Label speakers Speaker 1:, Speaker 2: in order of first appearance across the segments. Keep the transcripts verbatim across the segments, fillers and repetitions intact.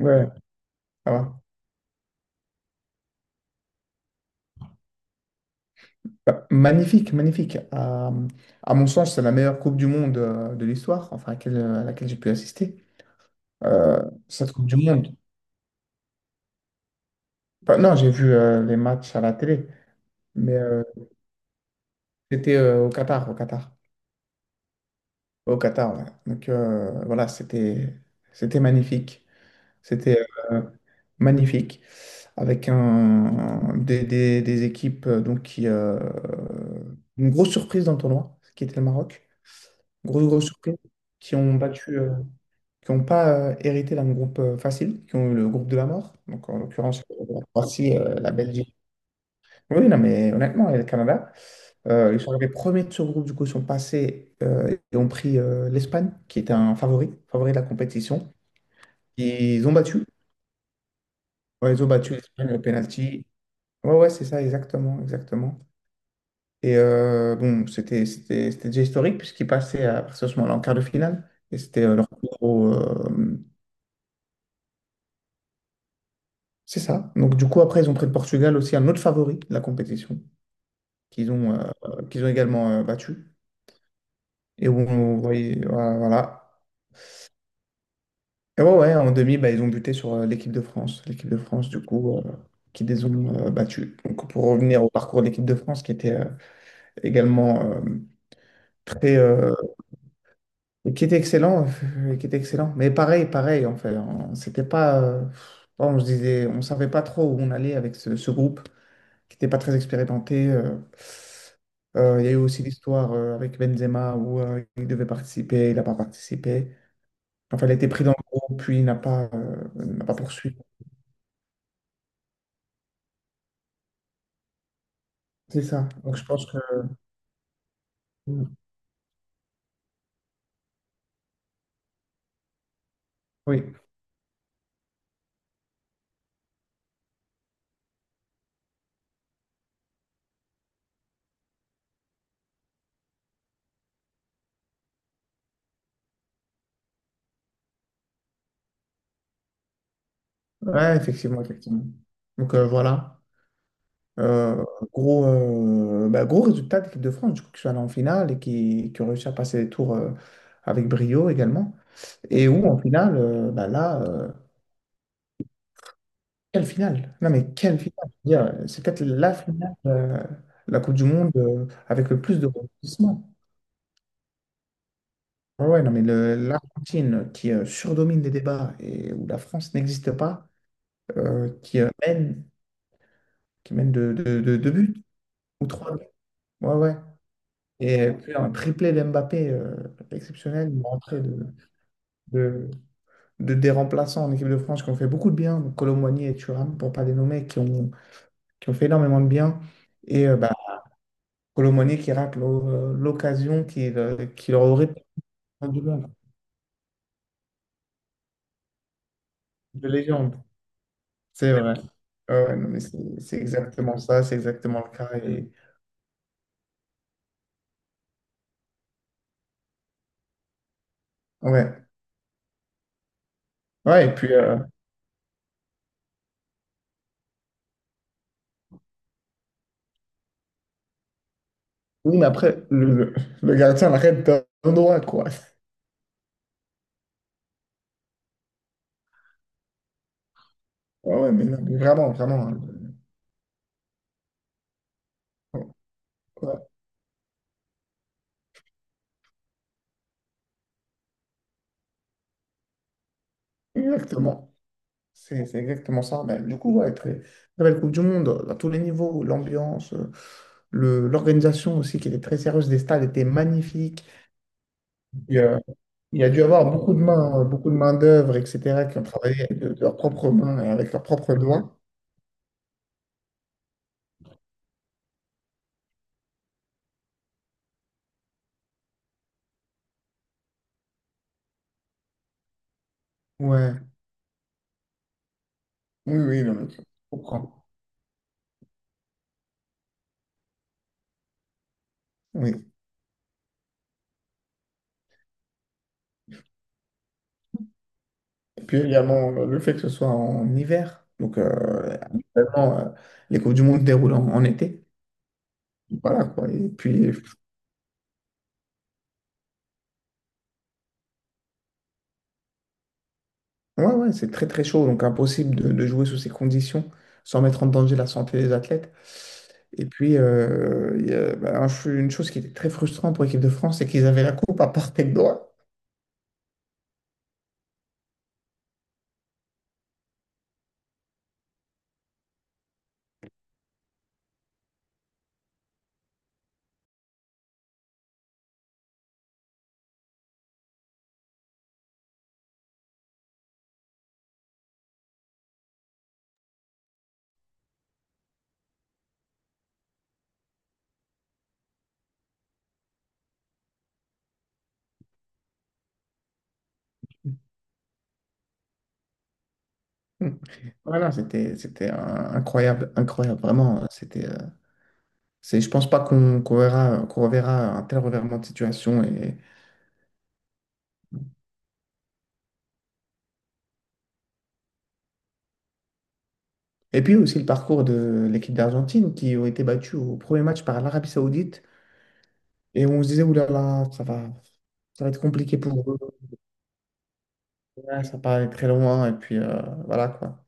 Speaker 1: Ouais, ça va. Bah, magnifique, magnifique. À, à mon sens, c'est la meilleure Coupe du Monde euh, de l'histoire, enfin, à laquelle, à laquelle j'ai pu assister. Euh, cette Coupe du Monde. Bah, non, j'ai vu euh, les matchs à la télé, mais euh, c'était euh, au Qatar, au Qatar. Au Qatar, ouais. Donc euh, voilà, c'était c'était magnifique. C'était euh, magnifique. Avec un, des, des- des équipes euh, donc, qui. Euh, une grosse surprise dans le tournoi, qui était le Maroc. Grosse, grosse surprise, qui ont battu, euh, qui n'ont pas euh, hérité d'un groupe euh, facile, qui ont eu le groupe de la mort, donc en l'occurrence euh, la Croatie, euh, la Belgique. Oui, non, mais honnêtement, et le Canada, euh, ils sont arrivés premiers de ce groupe, du coup, ils sont passés euh, et ont pris euh, l'Espagne, qui était un favori, favori de la compétition. Ils ont battu, ouais, ils ont battu l'Espagne au penalty. Ouais, ouais, c'est ça, exactement, exactement. Et euh, bon, c'était c'était- c'était déjà historique, puisqu'ils passaient à partir de ce moment-là en quart de finale, et c'était euh, leur plus gros. euh, C'est ça. Donc, du coup, après, ils ont pris le Portugal aussi, un autre favori de la compétition, qu'ils ont, euh, qu'ils ont également euh, battu. Et où on voyait, voilà. voilà. Et ouais, ouais, en demi, bah, ils ont buté sur euh, l'équipe de France. L'équipe de France, du coup, euh, qui les ont euh, battus. Donc, pour revenir au parcours de l'équipe de France, qui était euh, également euh, très. euh, Qui était excellent, euh, qui était excellent. Mais pareil, pareil, en fait, hein. C'était pas. Euh, on se disait, on savait pas trop où on allait avec ce, ce groupe qui n'était pas très expérimenté. euh. Euh, Il y a eu aussi l'histoire euh, avec Benzema où euh, il devait participer, il n'a pas participé. Enfin, il a été pris dans le groupe, puis il n'a pas, euh, n'a pas poursuivi. C'est ça. Donc, je pense que oui. Ouais, effectivement, effectivement. Donc, euh, voilà. Euh, gros, euh, bah, gros résultat de l'équipe de France, du coup, qui sont allés en finale et qui, qui ont réussi à passer les tours euh, avec brio également. Et où, en finale, euh, bah, là, euh, quelle finale? Non, mais quelle finale? Je veux dire, c'est peut-être la finale euh, la Coupe du Monde euh, avec le plus de rebondissements. Ouais, ouais, non, mais le- l'Argentine qui euh, surdomine les débats et où la France n'existe pas, euh, qui euh, mène, qui mène de, de, de- deux buts ou trois buts. Ouais, ouais. Et euh, puis un triplé d'Mbappé euh, exceptionnel, une rentrée de, de, de- des remplaçants en équipe de France qui ont fait beaucoup de bien, donc Colomboigny et Thuram, pour pas les nommer, qui ont, qui ont fait énormément de bien. Et euh, bah, Colomoni qui rate l'o- l'occasion qu'il euh, qu'il aurait perdu là, de légende. C'est vrai. Ouais, ouais, non, mais c'est c'est exactement ça, c'est exactement le cas. Et... ouais. Ouais, et puis, euh, oui, mais après, le, le, le gardien l'arrête d'un droit, quoi. Ouais, ouais, mais, non, mais vraiment, vraiment. euh, ouais, exactement. C'est c'est exactement ça. Ben, du coup, ouais, très, très belle Coupe du Monde, euh, à tous les niveaux, l'ambiance, euh, le- l'organisation aussi, qui était très sérieuse des stades, était magnifique. Il y a dû avoir beaucoup de mains, beaucoup de main-d'œuvre, et cætera, qui ont travaillé avec de, de leurs propres mains et avec leurs propres doigts. Ouais, oui, oui, non, mais je comprends. Oui. Et puis également euh, le fait que ce soit en hiver. Donc, euh, habituellement, euh, les Coupes du Monde se déroulent en, en été. Voilà, quoi. Et puis, ouais, ouais, c'est très, très chaud. Donc, impossible de, de jouer sous ces conditions sans mettre en danger la santé des athlètes. Et puis, euh, il y a, bah, un- une chose qui était très frustrante pour l'équipe de France, c'est qu'ils avaient la coupe à portée de doigts. Hmm. Voilà, c'était c'était un- incroyable, incroyable, vraiment. euh, C'était, euh, c'est, je pense pas qu'on qu'on verra, qu'on reverra un tel revirement de situation. Et, et puis aussi le parcours de l'équipe d'Argentine qui ont été battus au premier match par l'Arabie Saoudite. Et on se disait, oulala, ça va, ça va être compliqué pour eux. Ouais, ça va aller très loin. Et puis euh, voilà quoi.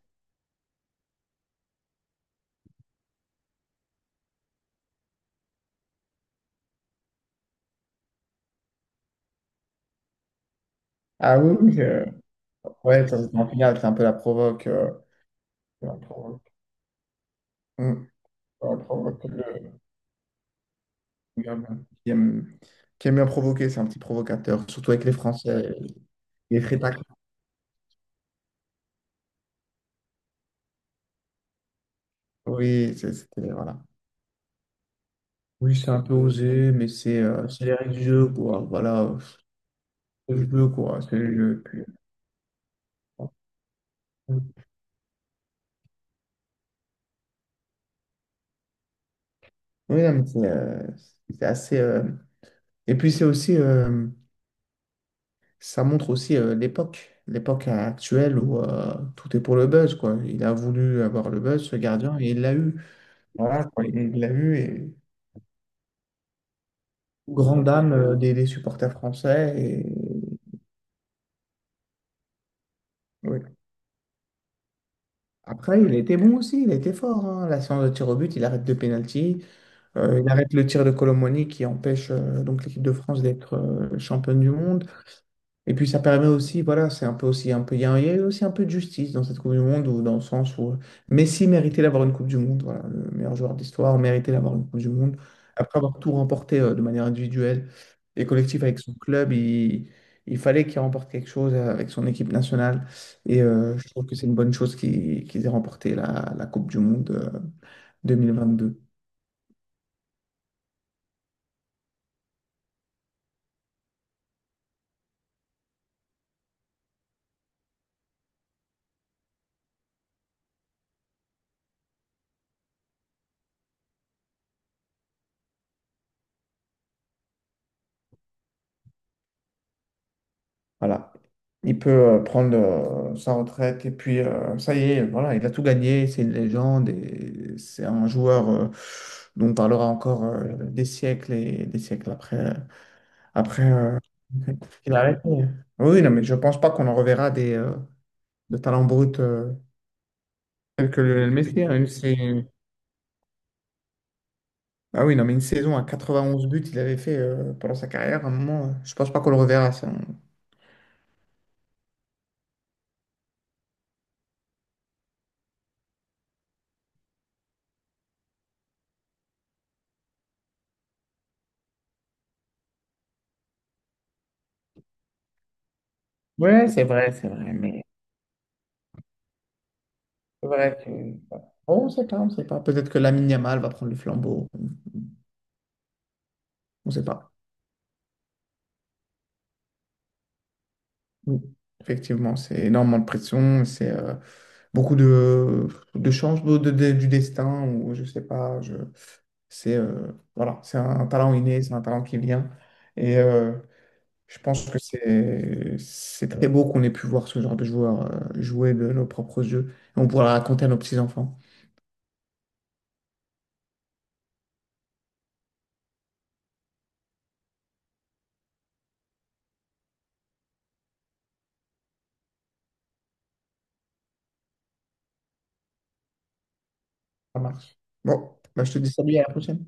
Speaker 1: Ah oui, oui, euh, ouais, ça, c'est en finale, c'est un peu la provoque. euh, la provoque. Hmm, la provoque. Euh, Oui, Qui aime, qui aime bien provoquer, c'est un petit provocateur, surtout avec les Français. Il est très tac- Oui, c'est- c'était, voilà. Oui, c'est un peu osé, mais c'est euh, c'est les règles du jeu, quoi. Voilà, c'est le jeu, quoi. C'est le jeu. Puis, euh, oui, non, mais c'est euh, c'est assez. Euh, Et puis, c'est aussi. Euh, ça montre aussi euh, l'époque, l'époque actuelle où euh, tout est pour le buzz, quoi. Il a voulu avoir le buzz, ce gardien, et il l'a eu. Voilà, quoi, il l'a eu, et grande dame euh, des, des supporters français. Et... oui. Après, il était bon aussi, il était fort, hein. La séance de tir au but, il arrête deux pénaltys. Euh, il arrête le tir de Colomoni qui empêche euh, donc l'équipe de France d'être euh, championne du monde. Et puis ça permet aussi, voilà, c'est un peu aussi un peu, il y a, il y a aussi un peu de justice dans cette Coupe du Monde, ou dans le sens où euh, Messi méritait d'avoir une Coupe du Monde, voilà, le meilleur joueur d'histoire méritait d'avoir une Coupe du Monde. Après avoir tout remporté euh, de manière individuelle et collective avec son club, il, il fallait qu'il remporte quelque chose euh, avec son équipe nationale. Et euh, je trouve que c'est une bonne chose qu'il- qu'ils aient remporté la, la Coupe du Monde euh, deux mille vingt-deux. Voilà. Il peut euh, prendre euh, sa retraite et puis euh, ça y est, voilà, il a tout gagné, c'est une légende et c'est un joueur euh, dont on parlera encore euh, des siècles et des siècles après, après euh, qu'il a arrêté. Oui, oui, non, mais je pense pas qu'on en reverra des, euh, de talents bruts euh, tels que le Messi, hein, une sa- ah oui, non, mais une saison à quatre-vingt-onze buts, il avait fait euh, pendant sa carrière, à un moment, euh, je pense pas qu'on le reverra. Ça. Ouais, c'est vrai, c'est vrai, mais. Vrai que- On ne sait pas, on ne sait pas. Peut-être que Lamine Yamal va prendre le flambeau. On ne sait pas. Oui. Effectivement, c'est énormément de pression. C'est euh, beaucoup de, de changements de, de- du destin ou je ne sais pas. Je, C'est euh, voilà, c'est un talent inné, c'est un talent qui vient. Et euh, je pense que c'est c'est très beau qu'on ait pu voir ce genre de joueurs euh, jouer de nos propres jeux. On pourra raconter à nos petits-enfants. Ça marche. Bon, bah, je te dis salut, à la prochaine.